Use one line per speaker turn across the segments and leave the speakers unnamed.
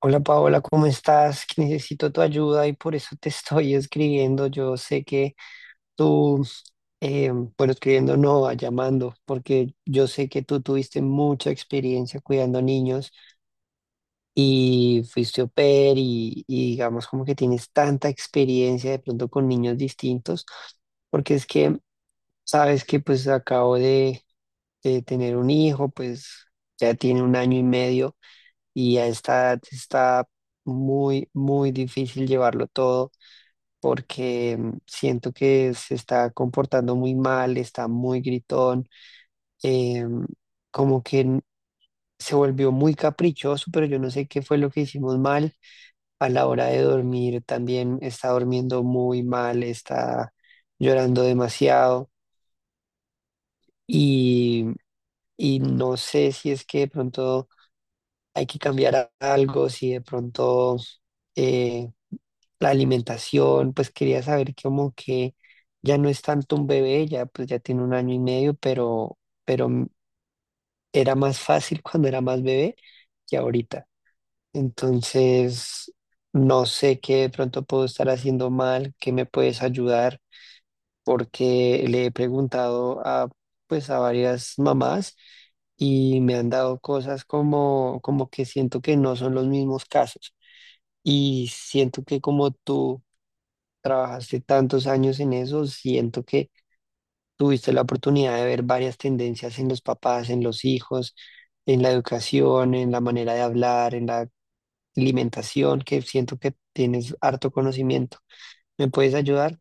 Hola Paola, ¿cómo estás? Que necesito tu ayuda y por eso te estoy escribiendo. Yo sé que tú, eh, bueno, escribiendo no, ah, llamando, porque yo sé que tú tuviste mucha experiencia cuidando niños y fuiste au pair y digamos como que tienes tanta experiencia de pronto con niños distintos, porque es que sabes que pues acabo de tener un hijo, pues ya tiene un año y medio y a esta edad está muy, muy difícil llevarlo todo porque siento que se está comportando muy mal, está muy gritón, em, como que n- se volvió muy caprichoso, pero yo no sé qué fue lo que hicimos mal a la hora de dormir. También está durmiendo muy mal, está llorando demasiado y, mm, y no sé si es que de pronto hay que cambiar algo, si de pronto eh, la alimentación. Pues quería saber como que ya no es tanto un bebé, ya pues ya tiene un año y medio, pero, pero m- era más fácil cuando era más bebé que ahorita. Entonces, no sé qué de pronto puedo estar haciendo mal, qué me puedes ayudar, porque le he preguntado a pues a varias mamás y me han dado cosas como, como que siento que no son los mismos casos. Y siento que como tú trabajaste tantos años en eso, siento que tuviste la oportunidad de ver varias tendencias en los papás, en los hijos, en la educación, en la manera de hablar, en la alimentación, que siento que tienes harto conocimiento. ¿Me puedes ayudar?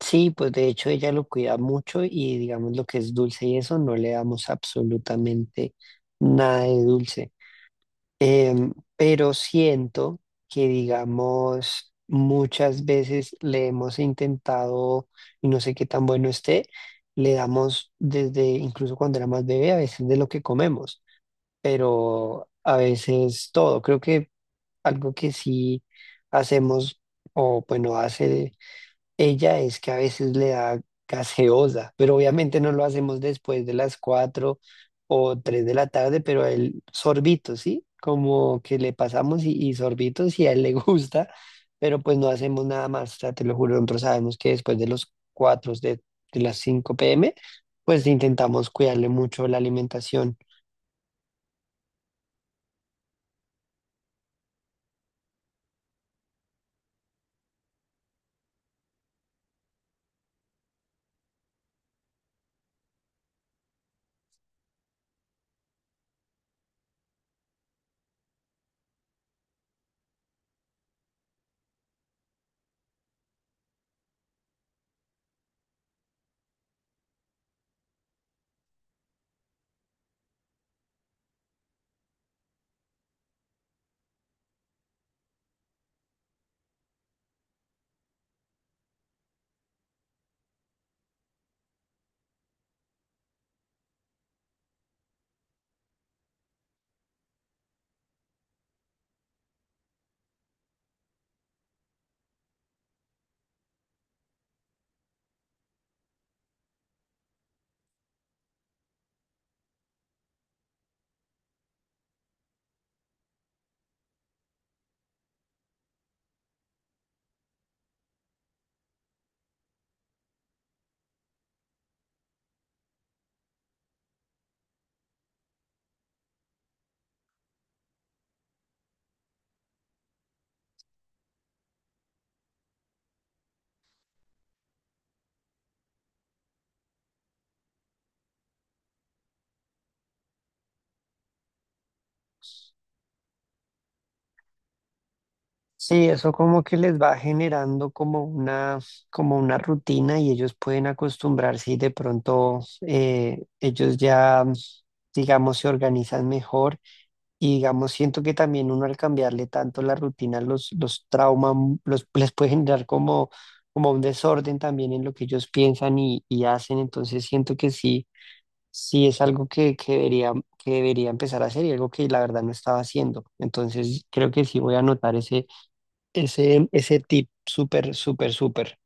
Sí, pues de hecho ella lo cuida mucho y digamos lo que es dulce y eso no le damos absolutamente nada de dulce. Pero siento que, digamos, muchas veces le hemos intentado, y no sé qué tan bueno esté. Le damos desde, incluso cuando era más bebé, a veces de lo que comemos, pero a veces todo. Creo que algo que sí hacemos, o bueno, hace ella, es que a veces le da gaseosa, pero obviamente no lo hacemos después de las 4 o 3 de la tarde, pero el sorbito, ¿sí? Como que le pasamos y sorbitos y a él le gusta, pero pues no hacemos nada más, o sea, te lo juro, nosotros sabemos que después de los 4 de las 5 p.m., pues intentamos cuidarle mucho la alimentación. Sí, eso como que les va generando como una rutina y ellos pueden acostumbrarse y de pronto ellos ya, digamos, se organizan mejor y digamos, siento que también uno al cambiarle tanto la rutina los trauma, les puede generar como un desorden también en lo que ellos piensan y hacen. Entonces siento que sí, sí es algo que debería, que debería empezar a hacer y algo que la verdad no estaba haciendo. Entonces creo que sí voy a anotar ese tip. Súper, súper, súper.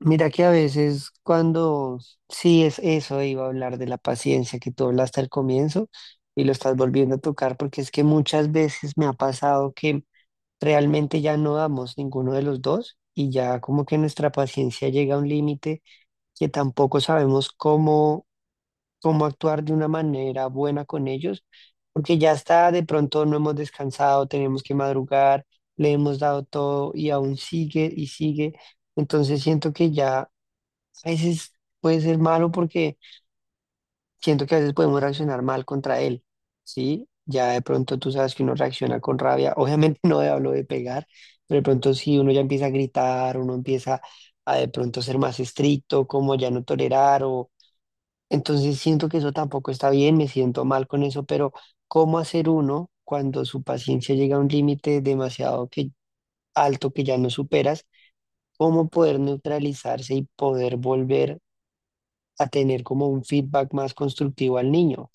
Mira que a veces cuando, sí, es eso, iba a hablar de la paciencia que tú hablaste al comienzo y lo estás volviendo a tocar, porque es que muchas veces me ha pasado que realmente ya no damos ninguno de los dos y ya como que nuestra paciencia llega a un límite que tampoco sabemos cómo actuar de una manera buena con ellos, porque ya está, de pronto no hemos descansado, tenemos que madrugar, le hemos dado todo y aún sigue y sigue. Entonces siento que ya a veces puede ser malo porque siento que a veces podemos reaccionar mal contra él, ¿sí? Ya de pronto tú sabes que uno reacciona con rabia, obviamente no hablo de pegar, pero de pronto sí, uno ya empieza a gritar, uno empieza a de pronto ser más estricto, como ya no tolerar. Entonces siento que eso tampoco está bien, me siento mal con eso, pero ¿cómo hacer uno cuando su paciencia llega a un límite demasiado alto que ya no superas? ¿Cómo poder neutralizarse y poder volver a tener como un feedback más constructivo al niño?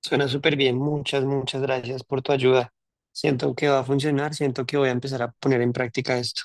Suena súper bien, muchas, muchas gracias por tu ayuda. Siento que va a funcionar, siento que voy a empezar a poner en práctica esto.